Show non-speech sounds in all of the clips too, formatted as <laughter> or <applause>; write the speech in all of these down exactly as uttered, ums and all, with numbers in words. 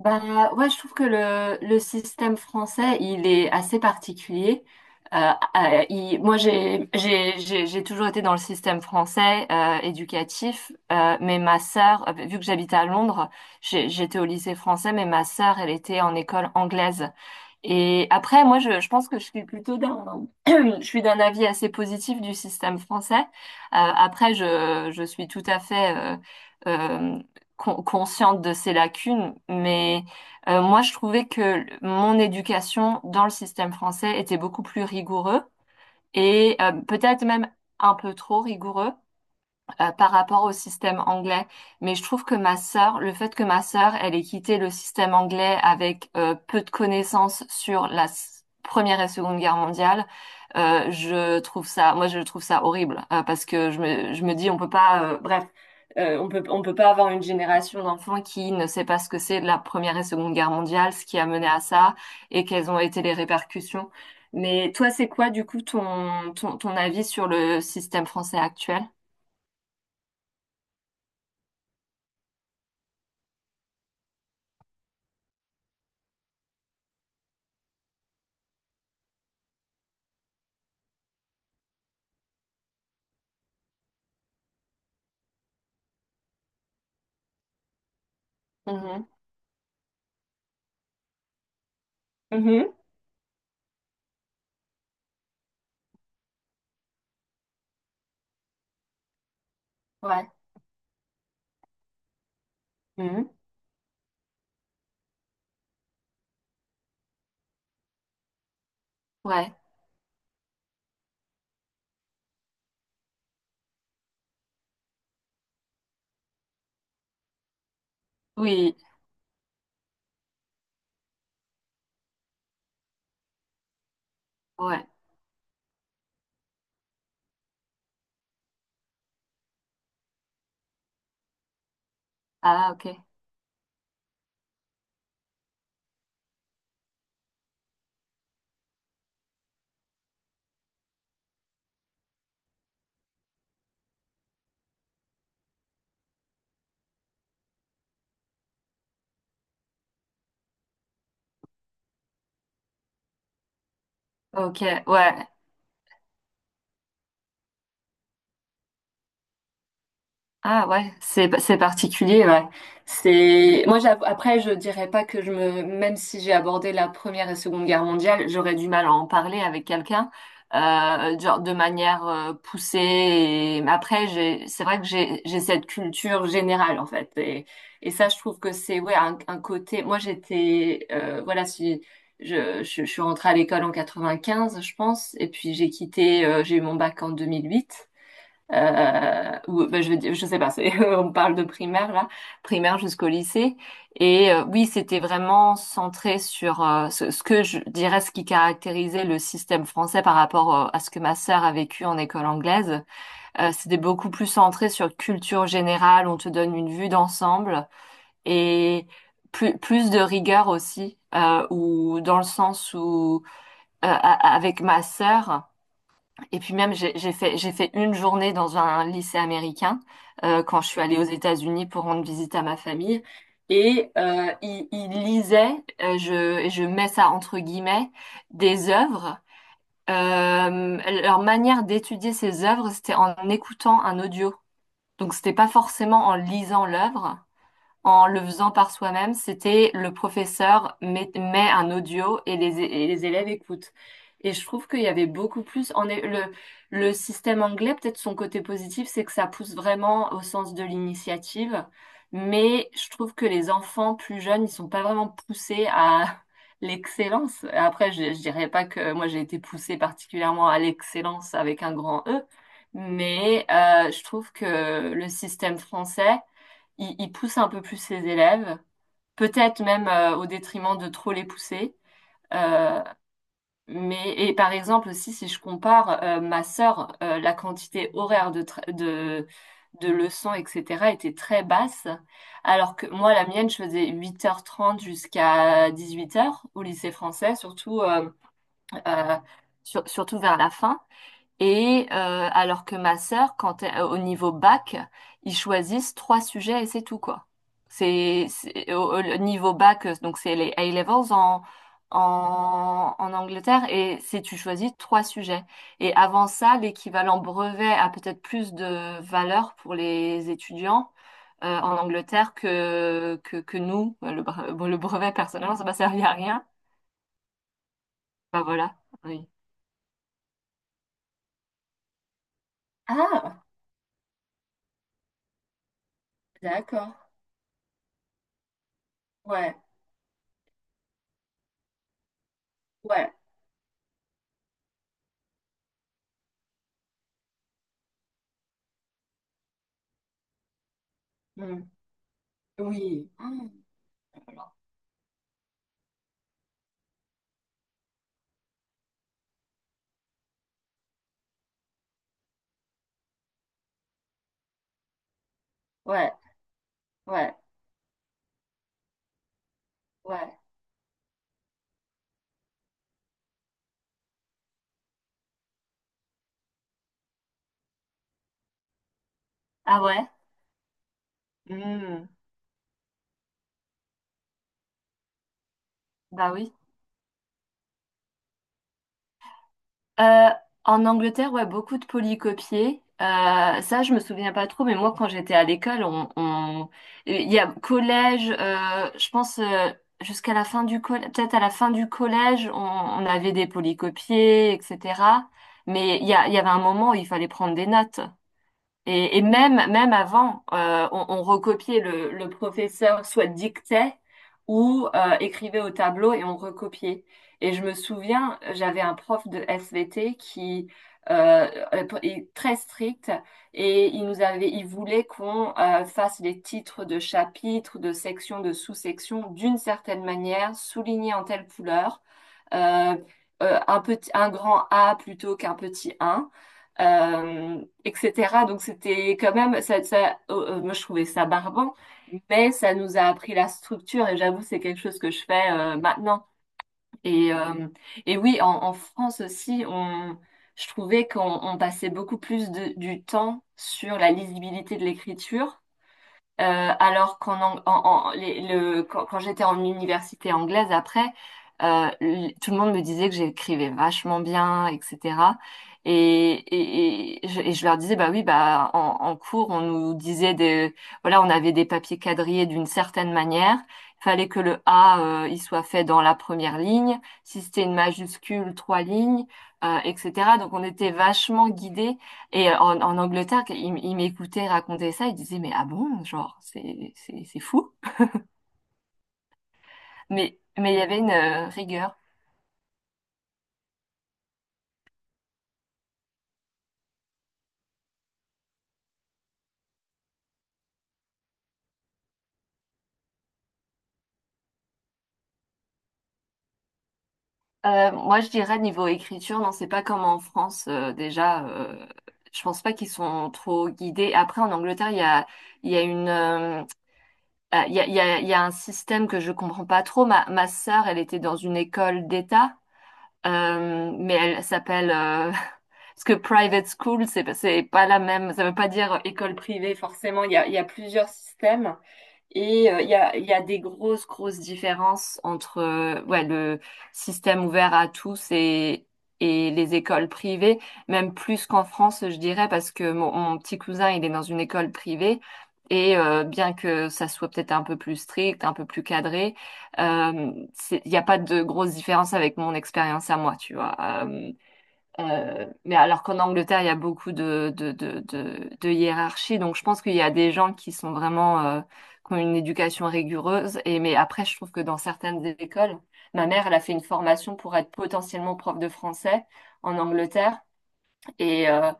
Bah ouais, je trouve que le, le système français, il est assez particulier. Euh, euh, il- moi, j'ai j'ai j'ai j'ai toujours été dans le système français euh, éducatif, euh, mais ma sœur, euh, vu que j'habite à Londres, j'ai- j'étais au lycée français, mais ma sœur, elle était en école anglaise. Et après, moi, je, je pense que je suis plutôt d'un, <clears throat> je suis d'un avis assez positif du système français. Euh, après, je, je suis tout à fait euh, euh, con- consciente de ses lacunes, mais euh, moi, je trouvais que le- mon éducation dans le système français était beaucoup plus rigoureux et euh, peut-être même un peu trop rigoureux euh, par rapport au système anglais. Mais je trouve que ma sœur, le fait que ma sœur, elle ait quitté le système anglais avec euh, peu de connaissances sur la s- Première et Seconde Guerre mondiale, euh, je trouve ça, moi je trouve ça horrible euh, parce que je me, je me dis on peut pas, euh, bref, euh, on peut, on peut pas avoir une génération d'enfants qui ne sait pas ce que c'est la Première et Seconde Guerre mondiale, ce qui a mené à ça et quelles ont été les répercussions. Mais toi, c'est quoi du coup ton, ton, ton avis sur le système français actuel? Mhm. Ouais, mhm, ouais, oui, ouais. Ah, ok. Ok, ouais. Ah ouais, c'est c'est particulier, ouais. C'est moi j'avoue- après je dirais pas que je me même si j'ai abordé la Première et Seconde Guerre mondiale, j'aurais du mal à en parler avec quelqu'un euh, genre de manière euh, poussée. Et mais après j'ai c'est vrai que j'ai j'ai cette culture générale en fait. Et et ça je trouve que c'est ouais un, un côté. Moi j'étais euh, voilà, si je, je je suis rentrée à l'école en quatre-vingt-quinze je pense, et puis j'ai quitté euh, j'ai eu mon bac en deux mille huit. Euh, ou ben, je veux dire, je sais pas, c'est, <laughs> on parle de primaire là, primaire jusqu'au lycée. Et euh, oui, c'était vraiment centré sur euh, ce, ce que je dirais, ce qui caractérisait le système français par rapport euh, à ce que ma sœur a vécu en école anglaise. Euh, c'était beaucoup plus centré sur culture générale, on te donne une vue d'ensemble et plus, plus de rigueur aussi, euh, ou dans le sens où euh, a- avec ma sœur. Et puis même, j'ai j'ai fait, j'ai fait une journée dans un lycée américain euh, quand je suis allée aux États-Unis pour rendre visite à ma famille. Et euh, ils ils lisaient, euh, je, et je mets ça entre guillemets, des œuvres. Euh, Leur manière d'étudier ces œuvres, c'était en écoutant un audio. Donc c'était pas forcément en lisant l'œuvre, en le faisant par soi-même, c'était le professeur met, met un audio et les, et les élèves écoutent. Et je trouve qu'il y avait beaucoup plus. En, le, le système anglais, peut-être son côté positif, c'est que ça pousse vraiment au sens de l'initiative. Mais je trouve que les enfants plus jeunes, ils sont pas vraiment poussés à <laughs> l'excellence. Après, je, je dirais pas que moi j'ai été poussée particulièrement à l'excellence avec un grand E, mais euh, je trouve que le système français ils, ils poussent un peu plus ses élèves, peut-être même euh, au détriment de trop les pousser. Euh, mais et par exemple aussi si je compare euh, ma sœur, euh, la quantité horaire de, tra- de de leçons et cétéra était très basse, alors que moi la mienne je faisais huit heures trente jusqu'à dix-huit heures au lycée français, surtout euh, euh, sur- surtout vers la fin. Et euh, alors que ma sœur, quand elle- au niveau bac, ils choisissent trois sujets et c'est tout quoi. C'est c'est- au, au- niveau bac, euh, donc c'est les A-levels en, en en Angleterre et c'est tu choisis trois sujets. Et avant ça, l'équivalent brevet a peut-être plus de valeur pour les étudiants euh, en Angleterre que que, que nous. Le, bre- bon, le brevet personnellement, ça m'a servi à rien. Bah voilà, oui. Ah, d'accord. Ouais, ouais. Oui. Hum, oh là là. Ouais, ouais, ouais. Ah ouais? Hmm. Bah oui. Euh, En Angleterre, ouais, beaucoup de polycopiés. Euh, ça, je me souviens pas trop, mais moi, quand j'étais à l'école, on, on- il y a collège, euh, je pense euh, jusqu'à la fin du collège, peut-être à la fin du collège, on, on avait des polycopiés, et cétéra. Mais il y a, il y avait un moment où il fallait prendre des notes. Et, et même, même avant, euh, on, on recopiait le, le professeur soit dictait ou euh, écrivait au tableau et on recopiait. Et je me souviens, j'avais un prof de S V T qui euh, euh, est très strict, et il nous avait, il voulait qu'on euh, fasse les titres de chapitres, de sections, de sous-sections d'une certaine manière, soulignés en telle couleur, euh, euh, un petit, un grand A plutôt qu'un petit un euh, et cétéra. Donc c'était quand même, ça, ça, euh, euh, moi je trouvais ça barbant, mais ça nous a appris la structure, et j'avoue c'est quelque chose que je fais euh, maintenant. Et, euh, et oui, en, en France aussi, on, je trouvais qu'on on passait beaucoup plus de, du temps sur la lisibilité de l'écriture euh, alors qu'en Ang- en, en- les- le, quand, quand j'étais en université anglaise après, euh, l- tout le monde me disait que j'écrivais vachement bien, et cétéra. Et, et, et je, et je leur disais, bah oui, bah en, en cours, on nous disait des, voilà, on avait des papiers quadrillés d'une certaine manière. Il fallait que le A, euh, il soit fait dans la première ligne. Si c'était une majuscule, trois lignes, euh, et cétéra. Donc on était vachement guidés, et euh, en, en Angleterre, il, m- il m'écoutait raconter ça, il disait, mais ah bon, genre, c'est, c'est, c'est fou. Mais, mais il y avait une euh, rigueur. Euh, moi, je dirais, niveau écriture, non, c'est pas comme en France, euh, déjà, euh, je pense pas qu'ils sont trop guidés. Après, en Angleterre, il y a, il y a une, euh, ah, il y a, il y a, il y a un système que je comprends pas trop. Ma, ma sœur, elle était dans une école d'État. Euh, mais elle s'appelle euh, <laughs> parce que private school, c'est c'est pas la même. Ça veut pas dire école privée forcément. Il y a, il y a plusieurs systèmes, et euh, il y a, il y a des grosses grosses différences entre euh, ouais le système ouvert à tous et et les écoles privées, même plus qu'en France, je dirais, parce que mon, mon petit cousin, il est dans une école privée. Et euh, bien que ça soit peut-être un peu plus strict, un peu plus cadré, euh, c'est- il n'y a pas de grosse différence avec mon expérience à moi, tu vois. Euh, euh, mais alors qu'en Angleterre, il y a beaucoup de, de, de, de, de hiérarchie, donc je pense qu'il y a des gens qui sont vraiment, euh, qui ont une éducation rigoureuse. Et, mais après, je trouve que dans certaines écoles, ma mère, elle a fait une formation pour être potentiellement prof de français en Angleterre. Et, euh,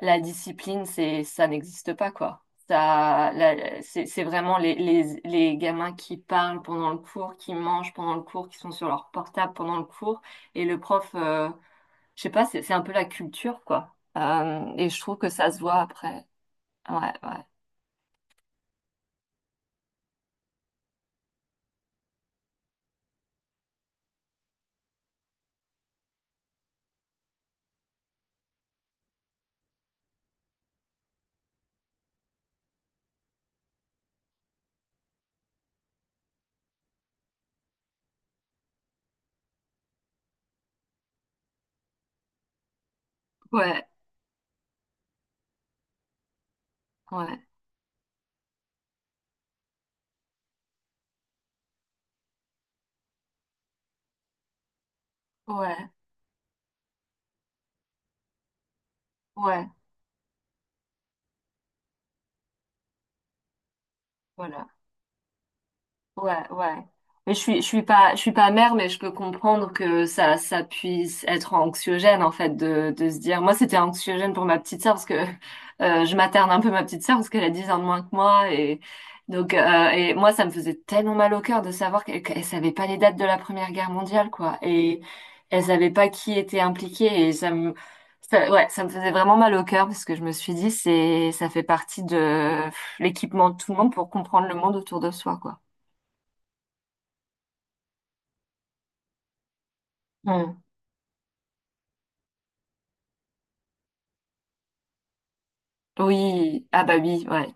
la discipline, c'est, ça n'existe pas, quoi. Ça, la- c'est, c'est vraiment les, les, les gamins qui parlent pendant le cours, qui mangent pendant le cours, qui sont sur leur portable pendant le cours. Et le prof, euh, je sais pas, c'est, c'est un peu la culture, quoi. Euh, et je trouve que ça se voit après. Ouais, ouais. Ouais, ouais, ouais, ouais. Voilà. Ouais, ouais. Mais je suis, je suis pas, je suis pas mère, mais je peux comprendre que ça, ça puisse être anxiogène en fait de, de se dire. Moi, c'était anxiogène pour ma petite sœur parce que euh, je materne un peu ma petite sœur parce qu'elle a dix ans de moins que moi, et donc euh, et moi, ça me faisait tellement mal au cœur de savoir qu'elle, qu'elle savait pas les dates de la Première Guerre mondiale quoi, et elle savait pas qui était impliqué, et ça me, ça- ouais, ça me faisait vraiment mal au cœur parce que je me suis dit c'est, ça fait partie de l'équipement de tout le monde pour comprendre le monde autour de soi quoi. Hmm. Oui, ah bah oui, ouais,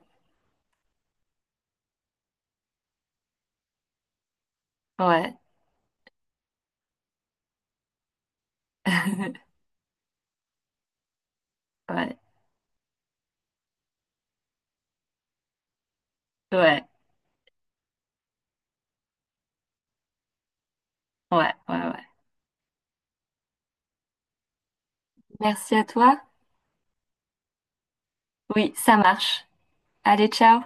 ouais, <laughs> ouais, ouais, ouais, ouais, ouais. Merci à toi. Oui, ça marche. Allez, ciao.